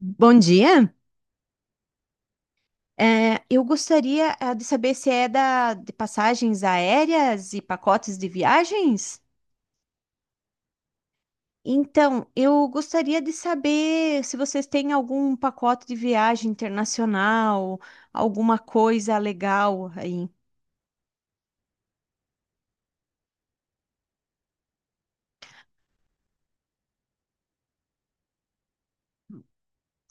Bom dia. Eu gostaria de saber se é de passagens aéreas e pacotes de viagens. Então, eu gostaria de saber se vocês têm algum pacote de viagem internacional, alguma coisa legal aí.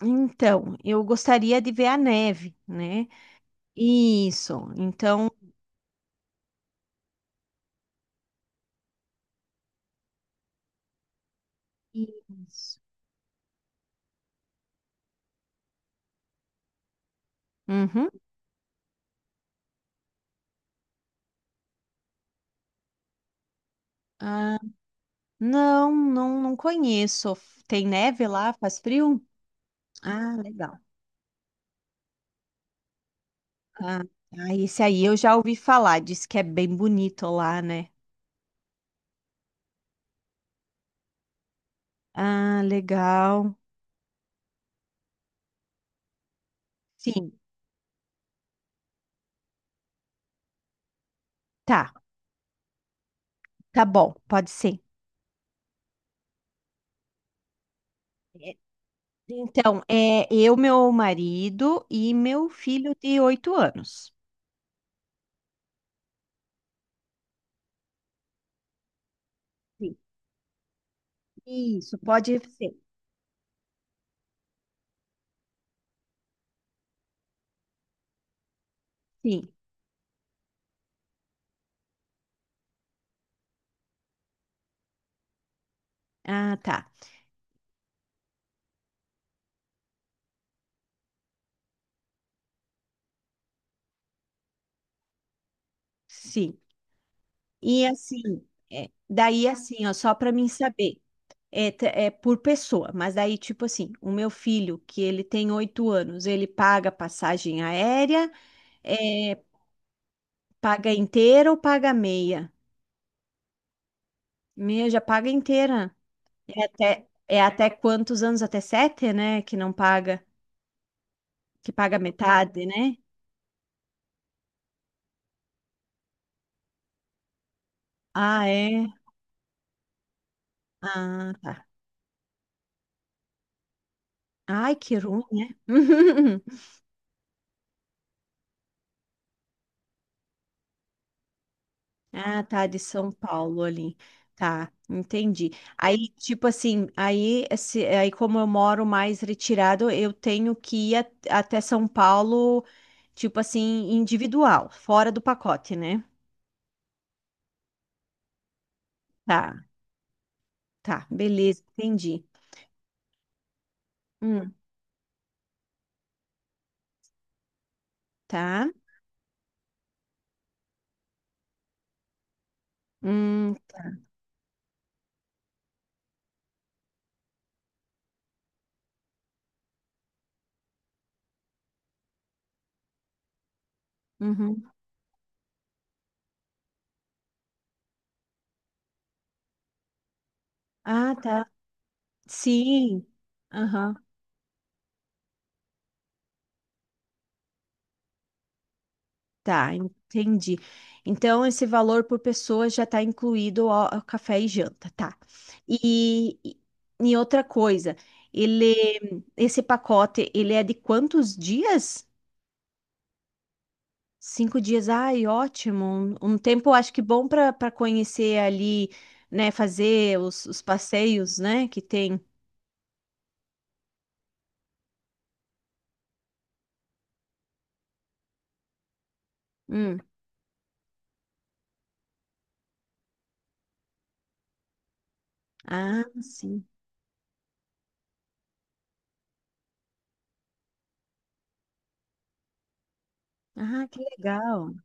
Então, eu gostaria de ver a neve, né? Isso. Então, isso. Uhum. Ah, não, não, não conheço. Tem neve lá? Faz frio? Ah, legal. Ah, ah, esse aí eu já ouvi falar, diz que é bem bonito lá, né? Ah, legal. Sim, tá, tá bom, pode ser. É, Então, é eu, meu marido e meu filho de 8 anos. Sim. Isso, pode ser. Sim. Ah, tá. Sim. E assim, é, daí assim, ó, só para mim saber, é por pessoa, mas daí, tipo assim, o meu filho, que ele tem 8 anos, ele paga passagem aérea é. Paga inteira ou paga meia? Meia já paga inteira. É até quantos anos? Até sete, né? Que não paga, que paga metade, né? Ah, é? Ah, tá. Ai, que ruim, né? Ah, tá, de São Paulo ali. Tá, entendi. Aí, tipo assim, aí, se- aí como eu moro mais retirado, eu tenho que ir até São Paulo, tipo assim, individual, fora do pacote, né? Tá, tá, beleza, entendi. Hum, tá. Hum, uhum. Ah, tá. Sim. Aham. Tá, entendi. Então, esse valor por pessoa já está incluído ao café e janta, tá? E, e, e outra coisa, esse pacote, ele é de quantos dias? 5 dias. Ai, ótimo. Um tempo, acho que bom para conhecer ali, né? Fazer os passeios, né? Que tem. Hum. Ah, sim. Ah, que legal.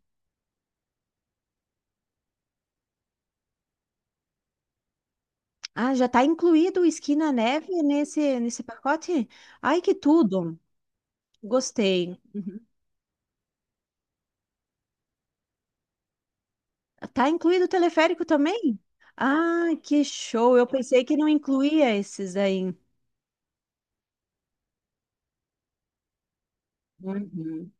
Ah, já está incluído o esqui na neve nesse pacote? Ai, que tudo! Gostei. Uhum. Tá incluído o teleférico também? Ah, que show! Eu pensei que não incluía esses daí. Uhum.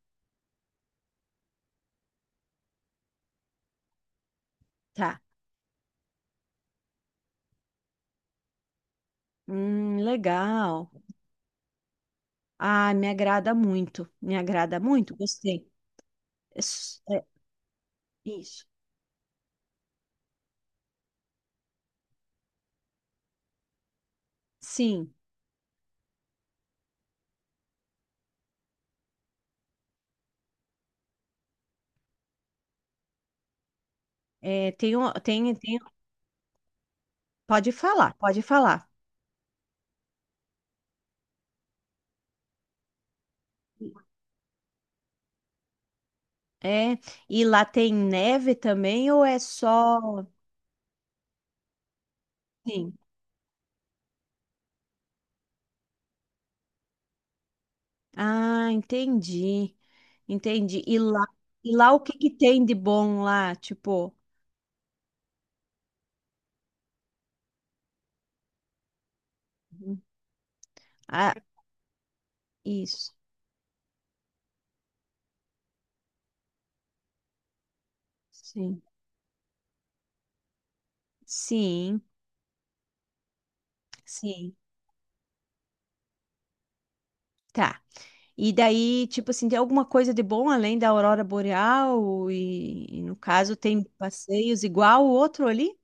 Tá. Legal. Ah, me agrada muito. Me agrada muito. Gostei. Es- é, isso. Sim. É, tem, tem. Pode falar, pode falar. É. E lá tem neve também ou é só? Sim. Ah, entendi. Entendi. E lá o que que tem de bom lá? Tipo, uhum. Ah, isso. Sim. Sim, sim. Tá. E daí, tipo assim, tem alguma coisa de bom além da aurora boreal? E no caso, tem passeios igual o outro ali?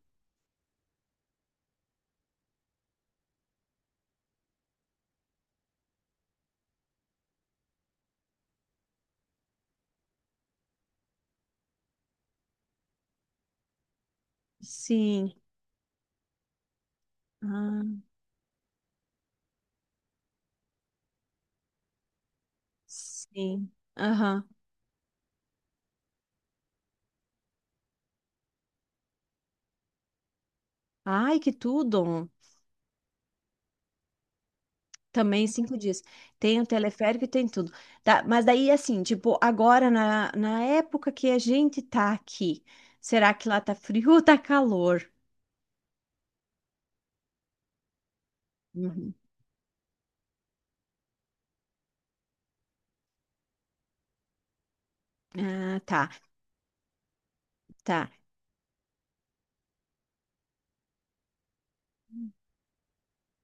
Sim. Ah, sim. Aham. Ai, que tudo. Também 5 dias. Tem o teleférico e tem tudo. Tá, mas daí, assim, tipo, agora na época que a gente tá aqui, será que lá tá frio ou tá calor? Uhum. Ah, tá, tá.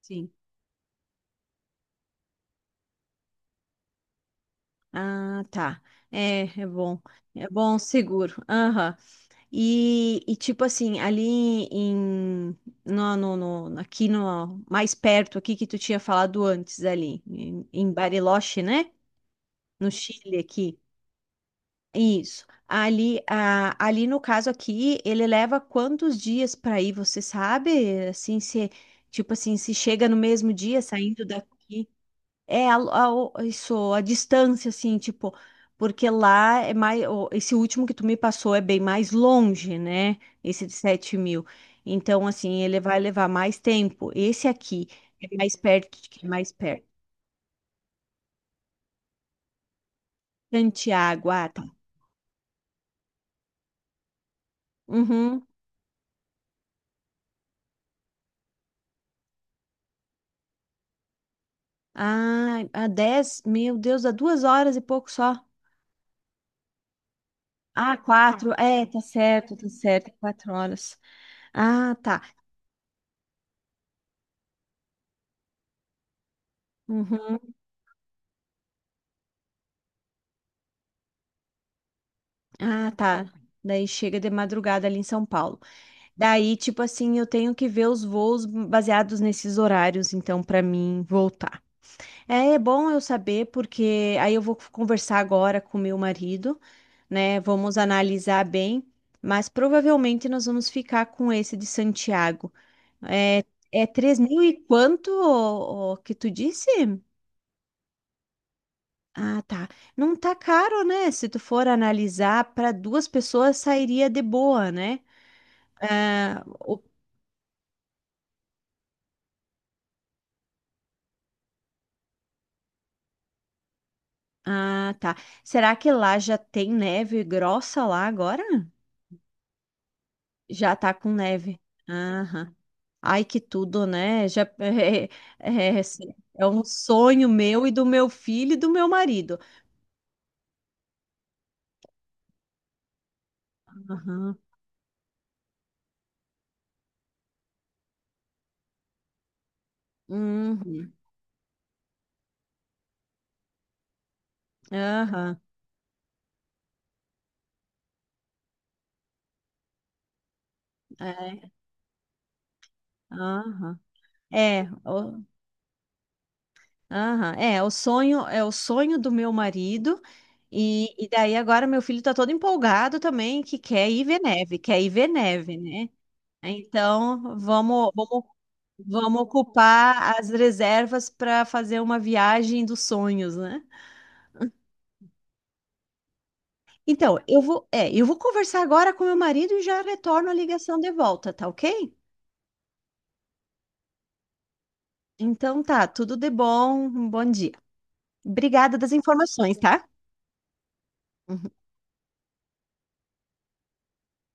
Sim. Ah, tá. É, é bom. É bom, seguro. Aham. Tipo assim, ali em no, no, aqui no mais perto aqui que tu tinha falado antes ali, em Bariloche, né? No Chile aqui. Isso. Ali, ali no caso aqui, ele leva quantos dias para ir, você sabe? Assim, se, tipo assim, se chega no mesmo dia saindo daqui. É isso, a distância, assim, tipo, porque lá é mais. Esse último que tu me passou é bem mais longe, né? Esse de 7 mil. Então, assim, ele vai levar mais tempo. Esse aqui é mais perto de que é mais perto. Santiago, ah, tá. Uhum. Ah, a 10, meu Deus, dá 2 horas e pouco só. Ah, quatro, é, tá certo, 4 horas. Ah, tá. Uhum. Ah, tá. Daí chega de madrugada ali em São Paulo. Daí, tipo assim, eu tenho que ver os voos baseados nesses horários, então, pra mim voltar. É, é bom eu saber, porque aí eu vou conversar agora com meu marido, né? Vamos analisar bem, mas provavelmente nós vamos ficar com esse de Santiago. É, é 3 mil e quanto ô, ô, que tu disse? Ah, tá. Não tá caro, né? Se tu for analisar, para duas pessoas sairia de boa, né? Ah, o- ah, tá. Será que lá já tem neve grossa lá agora? Já tá com neve. Aham. Ai, que tudo, né? Já é, assim, é um sonho meu e do meu filho e do meu marido. Aham, uhum, aham, é, aham. É, o, aham, é o sonho do meu marido. E daí agora meu filho tá todo empolgado também, que quer ir ver neve, quer ir ver neve, né? Então, vamos, vamos, vamos ocupar as reservas para fazer uma viagem dos sonhos, né? Então, eu vou, eu vou conversar agora com meu marido e já retorno a ligação de volta, tá ok? Então tá, tudo de bom, um bom dia. Obrigada das informações, tá?